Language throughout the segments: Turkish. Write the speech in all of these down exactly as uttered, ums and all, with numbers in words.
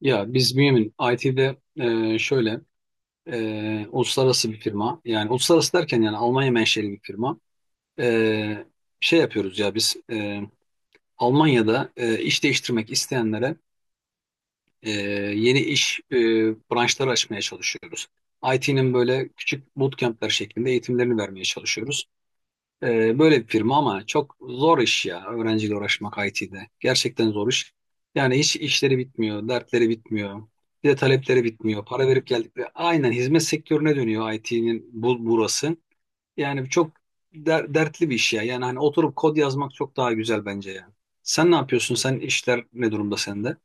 Ya biz Bünyamin I T'de, e, şöyle, e, uluslararası bir firma. Yani uluslararası derken yani Almanya menşeli bir firma. E, Şey yapıyoruz ya biz, e, Almanya'da e, iş değiştirmek isteyenlere e, yeni iş e, branşları açmaya çalışıyoruz. I T'nin böyle küçük bootcamp'ler şeklinde eğitimlerini vermeye çalışıyoruz. Ee, böyle bir firma ama çok zor iş ya, öğrenciyle uğraşmak I T'de. Gerçekten zor iş. Yani hiç işleri bitmiyor, dertleri bitmiyor. Bir de talepleri bitmiyor. Para verip geldikleri aynen hizmet sektörüne dönüyor I T'nin bu, burası. Yani çok der- dertli bir iş ya. Yani hani oturup kod yazmak çok daha güzel bence yani. Sen ne yapıyorsun? Sen işler ne durumda sende?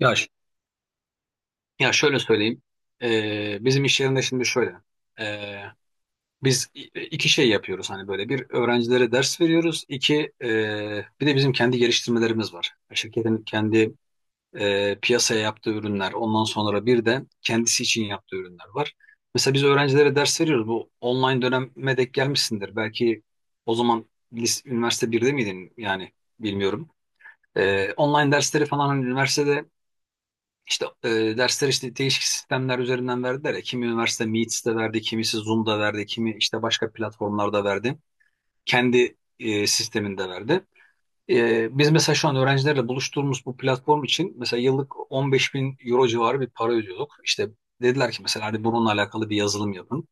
Ya, ş- ya şöyle söyleyeyim. Ee, bizim iş yerinde şimdi şöyle. Ee, Biz iki şey yapıyoruz, hani böyle bir, öğrencilere ders veriyoruz. İki e, bir de bizim kendi geliştirmelerimiz var. Şirketin kendi, e, piyasaya yaptığı ürünler, ondan sonra bir de kendisi için yaptığı ürünler var. Mesela biz öğrencilere ders veriyoruz. Bu online döneme denk gelmişsindir. Belki o zaman lis- üniversite birde miydin yani, bilmiyorum. E, online dersleri falan, hani üniversitede işte, e, dersler işte değişik sistemler üzerinden verdiler ya. Kimi üniversite Meets'te verdi, kimisi Zoom'da verdi, kimi işte başka platformlarda verdi. Kendi, e, sisteminde verdi. E, biz mesela şu an öğrencilerle buluştuğumuz bu platform için mesela yıllık on beş bin euro civarı bir para ödüyorduk. İşte dediler ki mesela, hadi bununla alakalı bir yazılım yapın.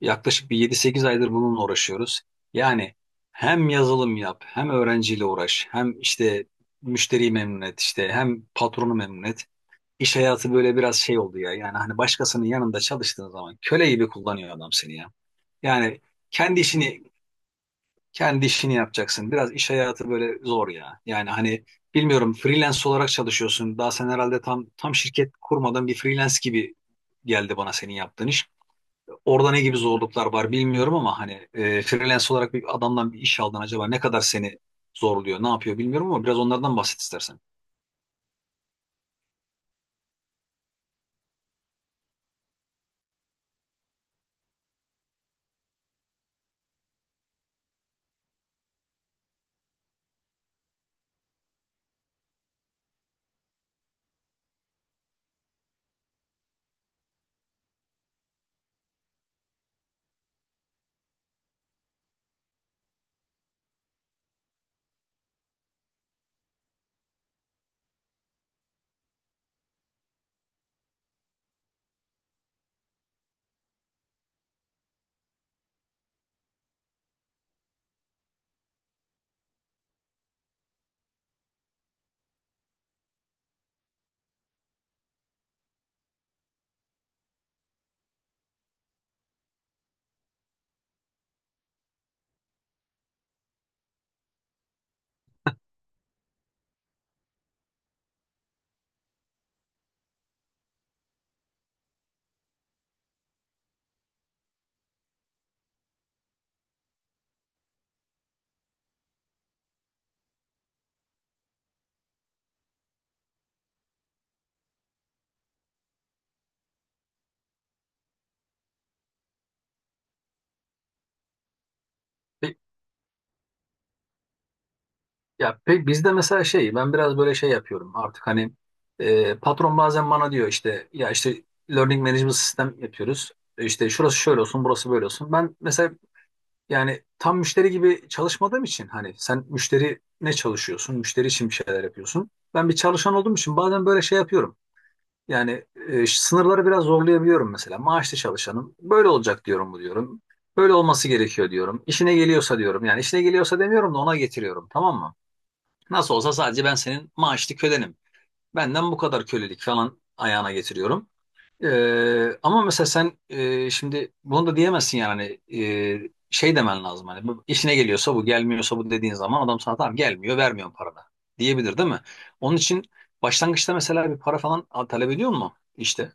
Yaklaşık bir yedi sekiz aydır bununla uğraşıyoruz. Yani hem yazılım yap, hem öğrenciyle uğraş, hem işte müşteriyi memnun et, işte hem patronu memnun et. İş hayatı böyle biraz şey oldu ya. Yani hani başkasının yanında çalıştığın zaman köle gibi kullanıyor adam seni ya. Yani kendi işini kendi işini yapacaksın. Biraz iş hayatı böyle zor ya. Yani hani bilmiyorum, freelance olarak çalışıyorsun. Daha sen herhalde tam tam şirket kurmadan bir freelance gibi geldi bana senin yaptığın iş. Orada ne gibi zorluklar var bilmiyorum ama hani, e, freelance olarak bir adamdan bir iş aldın, acaba ne kadar seni zorluyor, ne yapıyor bilmiyorum ama biraz onlardan bahset istersen. Ya pe- bizde mesela şey, ben biraz böyle şey yapıyorum artık hani, e, patron bazen bana diyor işte ya işte learning management sistem yapıyoruz. E İşte şurası şöyle olsun, burası böyle olsun. Ben mesela yani tam müşteri gibi çalışmadığım için hani, sen müşteri ne çalışıyorsun? Müşteri için bir şeyler yapıyorsun. Ben bir çalışan olduğum için bazen böyle şey yapıyorum. Yani, e, sınırları biraz zorlayabiliyorum mesela. Maaşlı çalışanım böyle olacak diyorum, bu diyorum. Böyle olması gerekiyor diyorum. İşine geliyorsa diyorum. Yani işine geliyorsa demiyorum da ona getiriyorum, tamam mı? Nasıl olsa sadece ben senin maaşlı kölenim. Benden bu kadar kölelik falan ayağına getiriyorum. Ee, ama mesela sen, e, şimdi bunu da diyemezsin yani hani, e, şey demen lazım hani, bu işine geliyorsa, bu gelmiyorsa, bu dediğin zaman adam sana tamam gelmiyor, vermiyorum paranı diyebilir değil mi? Onun için başlangıçta mesela bir para falan talep ediyor mu işte?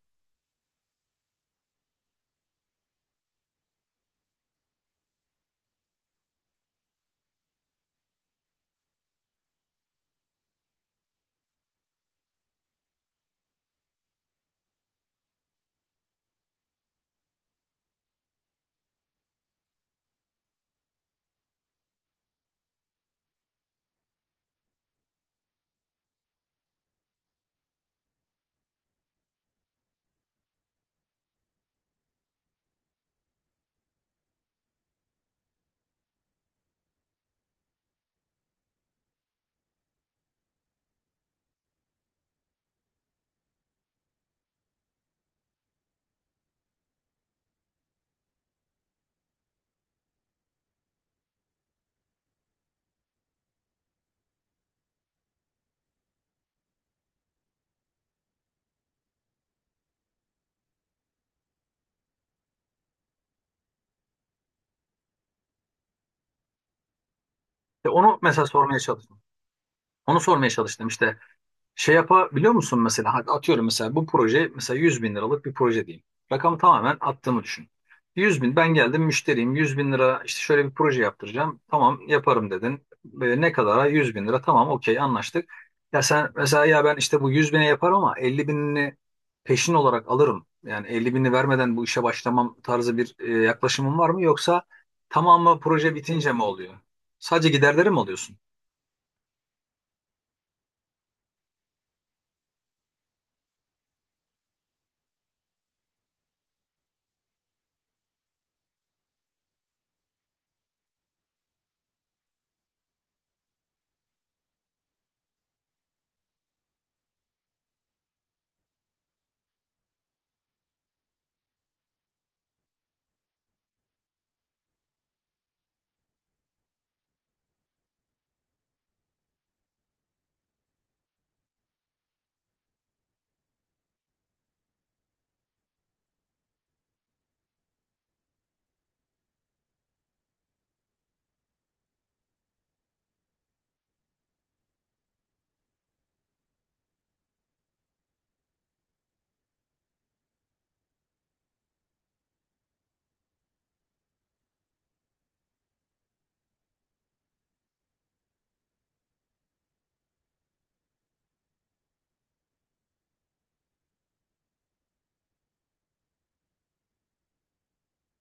İşte onu mesela sormaya çalıştım. Onu sormaya çalıştım işte. Şey yapabiliyor musun mesela? Hadi atıyorum, mesela bu proje mesela yüz bin liralık bir proje diyeyim. Rakamı tamamen attığımı düşün. yüz bin, ben geldim müşteriyim, yüz bin lira işte şöyle bir proje yaptıracağım. Tamam yaparım dedin. Böyle ne kadara, yüz bin lira, tamam okey anlaştık. Ya sen mesela, ya ben işte bu yüz bine yaparım ama elli binini peşin olarak alırım. Yani elli bini vermeden bu işe başlamam tarzı bir, e, yaklaşımın var mı? Yoksa tamamı proje bitince mi oluyor? Sadece giderleri mi alıyorsun?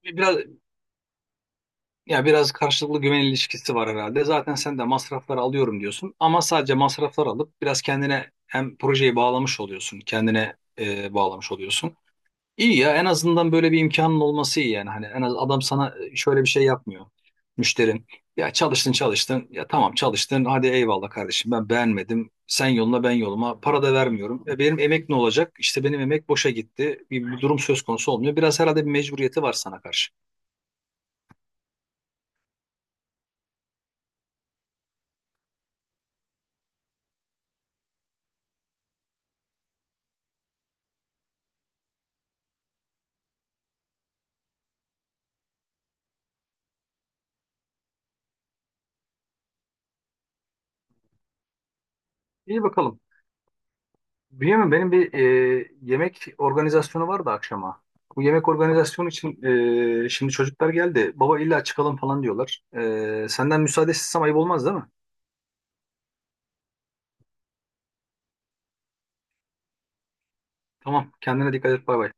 Biraz Ya biraz karşılıklı güven ilişkisi var herhalde. Zaten sen de masrafları alıyorum diyorsun ama sadece masraflar alıp biraz kendine hem projeyi bağlamış oluyorsun, kendine, e, bağlamış oluyorsun. İyi ya, en azından böyle bir imkanın olması iyi yani. Hani en az adam sana, e, şöyle bir şey yapmıyor müşterin. Ya çalıştın çalıştın. Ya tamam çalıştın. Hadi eyvallah kardeşim, ben beğenmedim. Sen yoluna ben yoluma. Para da vermiyorum. E benim emek ne olacak? İşte benim emek boşa gitti. Bir, bir durum söz konusu olmuyor. Biraz herhalde bir mecburiyeti var sana karşı. İyi bakalım. Bünyamin, benim bir, e, yemek organizasyonu vardı akşama. Bu yemek organizasyonu için, e, şimdi çocuklar geldi. Baba illa çıkalım falan diyorlar. E, senden müsaade istesem ayıp olmaz değil mi? Tamam, kendine dikkat et, bay bay.